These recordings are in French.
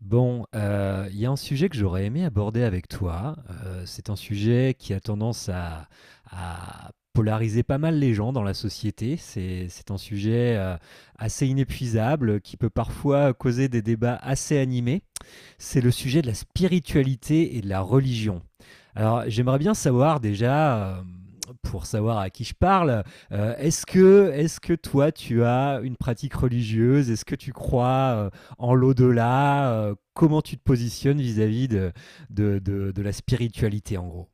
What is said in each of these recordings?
Bon, il y a un sujet que j'aurais aimé aborder avec toi. C'est un sujet qui a tendance à polariser pas mal les gens dans la société. C'est un sujet, assez inépuisable, qui peut parfois causer des débats assez animés. C'est le sujet de la spiritualité et de la religion. Alors, j'aimerais bien savoir déjà, pour savoir à qui je parle, est ce que toi, tu as une pratique religieuse? Est-ce que tu crois, en l'au-delà? Comment tu te positionnes vis-à-vis de, de la spiritualité, en gros?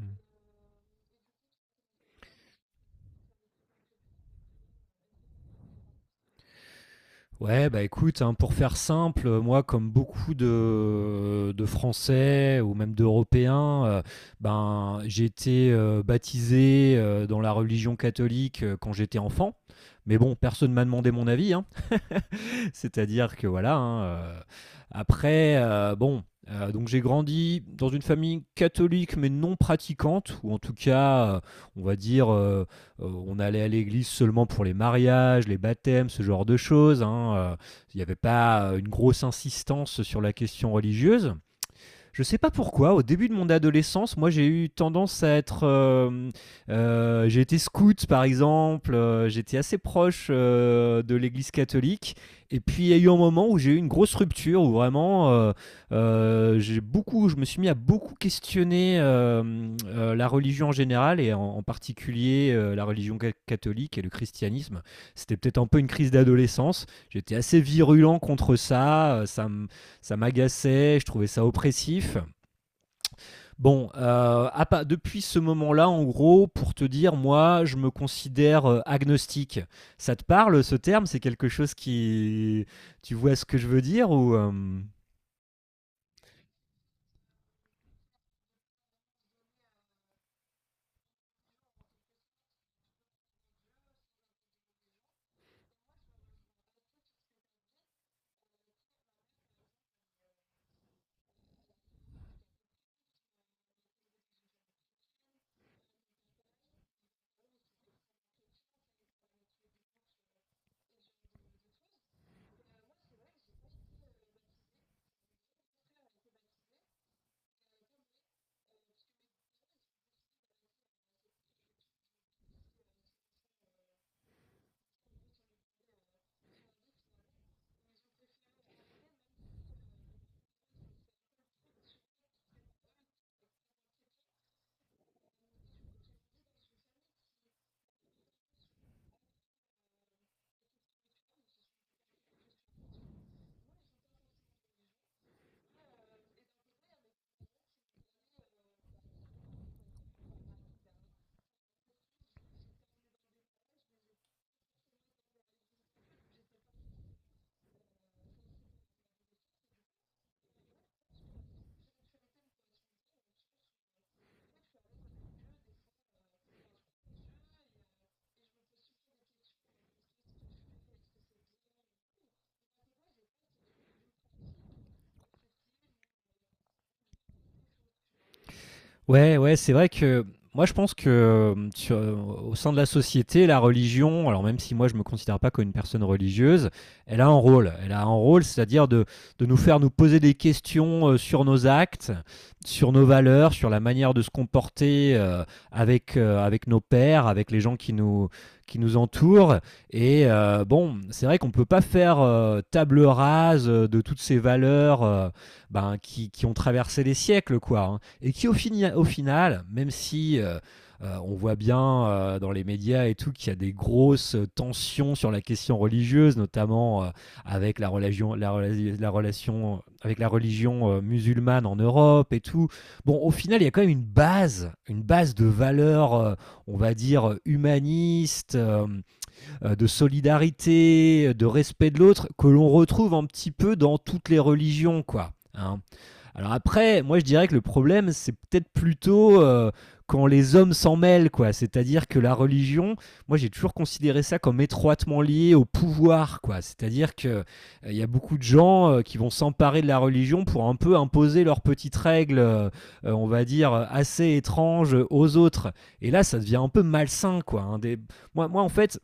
Mm. Ouais, bah écoute, hein, pour faire simple, moi, comme beaucoup de Français ou même d'Européens, ben, j'ai été baptisé dans la religion catholique quand j'étais enfant. Mais bon, personne ne m'a demandé mon avis, hein. C'est-à-dire que voilà. Bon, donc j'ai grandi dans une famille catholique mais non pratiquante, ou en tout cas, on va dire, euh, on allait à l'église seulement pour les mariages, les baptêmes, ce genre de choses. Hein, Il n'y avait pas une grosse insistance sur la question religieuse. Je sais pas pourquoi, au début de mon adolescence, moi j'ai eu tendance à être. J'ai été scout par exemple, j'étais assez proche de l'église catholique. Et puis il y a eu un moment où j'ai eu une grosse rupture, où vraiment j'ai beaucoup, je me suis mis à beaucoup questionner la religion en général et en particulier la catholique et le christianisme. C'était peut-être un peu une crise d'adolescence. J'étais assez virulent contre ça. Ça me ça m'agaçait, je trouvais ça oppressif. Bon, à depuis ce moment-là, en gros, pour te dire, moi, je me considère agnostique. Ça te parle, ce terme? C'est quelque chose qui... Tu vois ce que je veux dire ou... ouais, ouais, c'est vrai que moi je pense que au sein de la société, la religion, alors même si moi je me considère pas comme une personne religieuse, elle a un rôle. Elle a un rôle, c'est-à-dire de nous faire nous poser des questions sur nos actes, sur nos valeurs, sur la manière de se comporter avec, avec nos pères, avec les gens qui nous entourent. Et bon, c'est vrai qu'on peut pas faire table rase de toutes ces valeurs, ben, qui ont traversé les siècles, quoi, hein, et qui au final, même si on voit bien dans les médias et tout qu'il y a des grosses tensions sur la question religieuse, notamment avec la religion, la relation avec la religion musulmane en Europe et tout. Bon, au final, il y a quand même une base de valeurs, on va dire humaniste, de solidarité, de respect de l'autre, que l'on retrouve un petit peu dans toutes les religions, quoi, hein. Alors après, moi je dirais que le problème, c'est peut-être plutôt quand les hommes s'en mêlent, quoi. C'est-à-dire que la religion, moi j'ai toujours considéré ça comme étroitement lié au pouvoir, quoi. C'est-à-dire que il y a beaucoup de gens qui vont s'emparer de la religion pour un peu imposer leurs petites règles, on va dire assez étranges aux autres. Et là, ça devient un peu malsain, quoi, hein. Moi, en fait,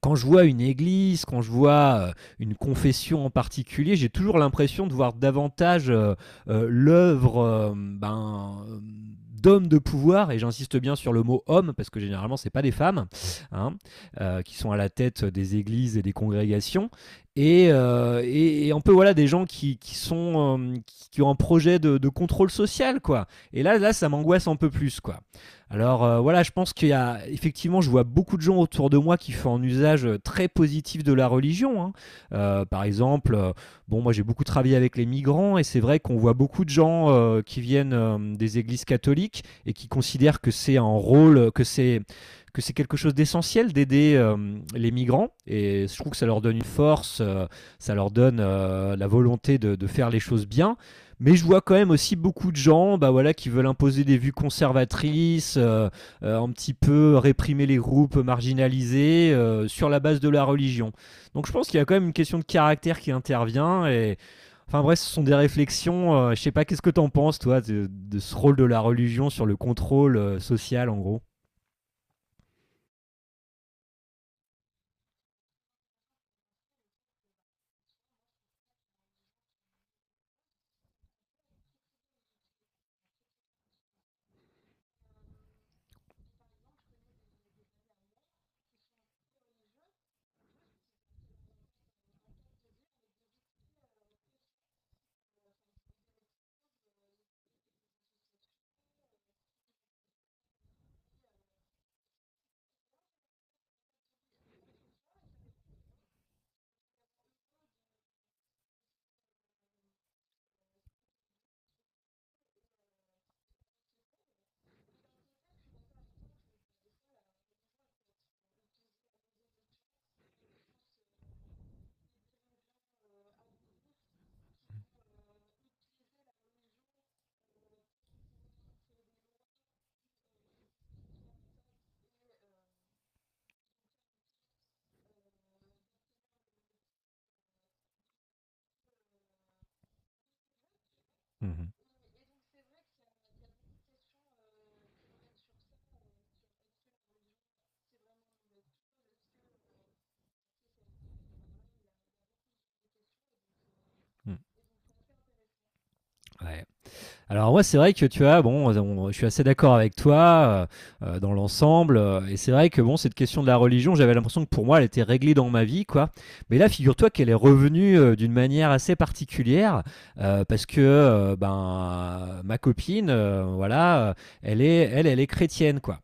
quand je vois une église, quand je vois une confession en particulier, j'ai toujours l'impression de voir davantage l'œuvre, d'hommes de pouvoir, et j'insiste bien sur le mot homme, parce que généralement, ce n'est pas des femmes, hein, qui sont à la tête des églises et des congrégations. Et, et un peu voilà des gens qui sont qui ont un projet de contrôle social, quoi. Et là ça m'angoisse un peu plus, quoi. Alors voilà, je pense qu'il y a effectivement, je vois beaucoup de gens autour de moi qui font un usage très positif de la religion, hein. Par exemple, bon, moi j'ai beaucoup travaillé avec les migrants et c'est vrai qu'on voit beaucoup de gens qui viennent des églises catholiques et qui considèrent que c'est un rôle, que c'est quelque chose d'essentiel d'aider les migrants et je trouve que ça leur donne une force, ça leur donne la volonté de faire les choses bien, mais je vois quand même aussi beaucoup de gens, bah voilà, qui veulent imposer des vues conservatrices, un petit peu réprimer les groupes marginalisés sur la base de la religion. Donc je pense qu'il y a quand même une question de caractère qui intervient. Et... Enfin bref, ce sont des réflexions. Je sais pas, qu'est-ce que t'en penses, toi, de ce rôle de la religion sur le contrôle social, en gros? Mhm, mhm. Ouais, alors moi, c'est vrai que tu as, bon, je suis assez d'accord avec toi dans l'ensemble, et c'est vrai que bon, cette question de la religion, j'avais l'impression que pour moi, elle était réglée dans ma vie, quoi. Mais là, figure-toi qu'elle est revenue d'une manière assez particulière, parce que ben ma copine, voilà, elle est chrétienne, quoi.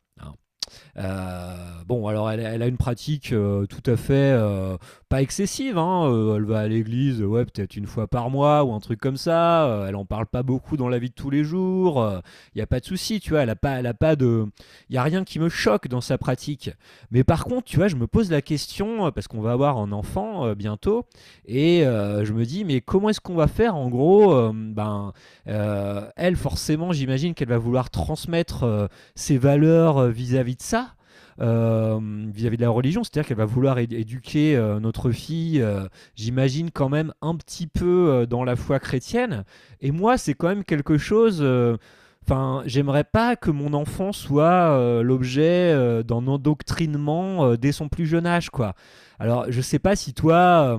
Euh, bon, alors elle, elle a une pratique tout à fait pas excessive, hein, elle va à l'église, ouais, peut-être une fois par mois ou un truc comme ça. Elle en parle pas beaucoup dans la vie de tous les jours. Il n'y a pas de souci, tu vois. Elle a pas de, il y a rien qui me choque dans sa pratique. Mais par contre, tu vois, je me pose la question parce qu'on va avoir un enfant bientôt et je me dis, mais comment est-ce qu'on va faire en gros? Ben, elle, forcément, j'imagine qu'elle va vouloir transmettre ses valeurs vis-à-vis de ça, euh, vis-à-vis de la religion, c'est-à-dire qu'elle va vouloir éduquer notre fille, j'imagine quand même un petit peu dans la foi chrétienne. Et moi, c'est quand même quelque chose. Enfin, j'aimerais pas que mon enfant soit l'objet d'un endoctrinement dès son plus jeune âge, quoi. Alors, je sais pas si toi,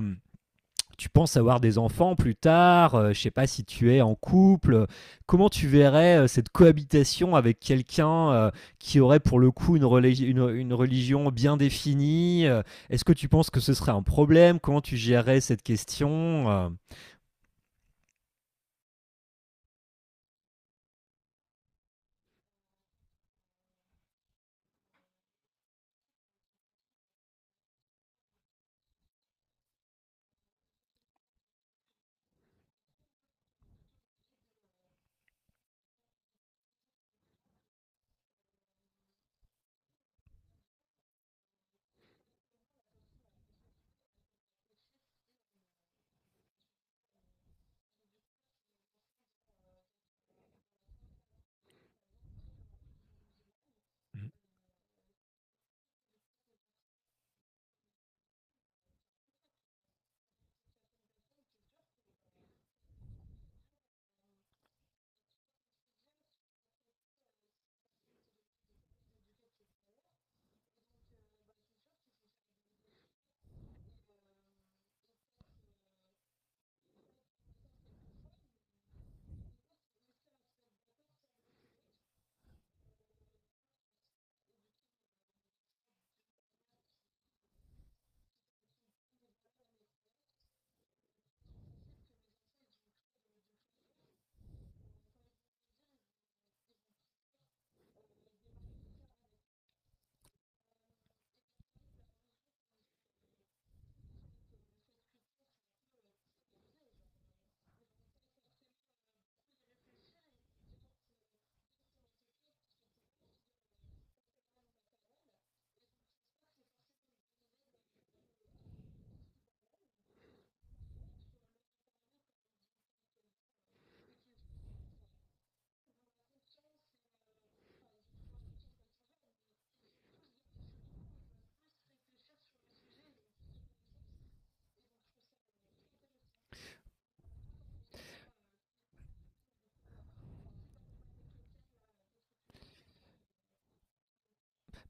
tu penses avoir des enfants plus tard, je sais pas si tu es en couple, comment tu verrais cette cohabitation avec quelqu'un qui aurait pour le coup une, une religion bien définie. Est-ce que tu penses que ce serait un problème? Comment tu gérerais cette question?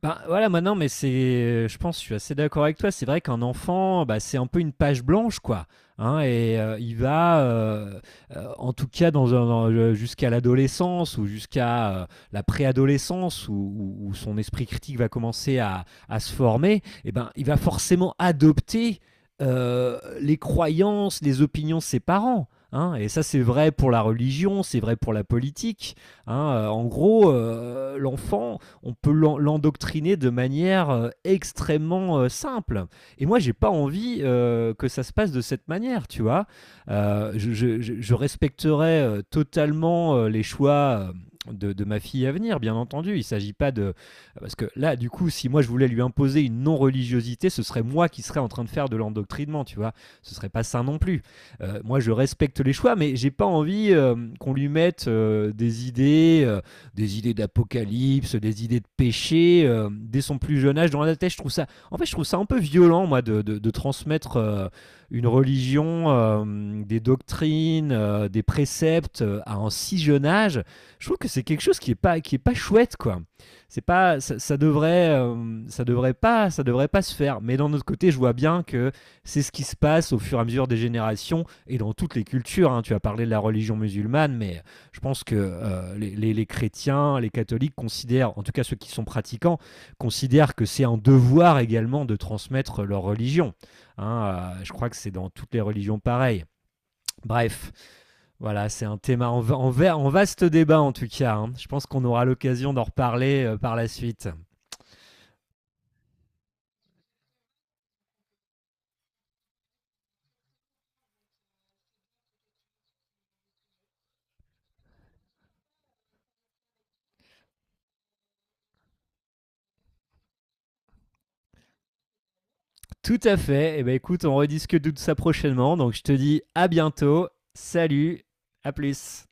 Ben, voilà, maintenant, mais c'est, je pense, je suis assez d'accord avec toi. C'est vrai qu'un enfant, bah, c'est un peu une page blanche, quoi, hein, et il va, en tout cas, jusqu'à l'adolescence ou jusqu'à la préadolescence où son esprit critique va commencer à se former. Et ben, il va forcément adopter les croyances, les opinions de ses parents, hein. Et ça, c'est vrai pour la religion, c'est vrai pour la politique, hein. En gros, l'enfant, on peut l'endoctriner de manière extrêmement simple. Et moi, j'ai pas envie que ça se passe de cette manière, tu vois. Respecterai totalement les choix. De ma fille à venir, bien entendu. Il ne s'agit pas de... Parce que là, du coup, si moi je voulais lui imposer une non-religiosité, ce serait moi qui serais en train de faire de l'endoctrinement, tu vois. Ce serait pas sain non plus. Moi, je respecte les choix, mais j'ai pas envie qu'on lui mette des idées d'apocalypse, des idées de péché dès son plus jeune âge. Dans la tête, je trouve ça, en fait, je trouve ça un peu violent, moi, de, de transmettre une religion, des doctrines, des préceptes à un si jeune âge. Je trouve que c'est quelque chose qui est pas chouette, quoi. C'est pas, ça, ça devrait pas se faire. Mais d'un autre côté, je vois bien que c'est ce qui se passe au fur et à mesure des générations et dans toutes les cultures, hein. Tu as parlé de la religion musulmane, mais je pense que les chrétiens, les catholiques considèrent, en tout cas ceux qui sont pratiquants, considèrent que c'est un devoir également de transmettre leur religion. Hein, je crois que c'est dans toutes les religions pareilles. Bref, voilà, c'est un thème en vaste débat en tout cas, hein. Je pense qu'on aura l'occasion d'en reparler par la suite. Tout à fait. Eh ben écoute, on rediscute de tout ça prochainement. Donc je te dis à bientôt. Salut, à plus.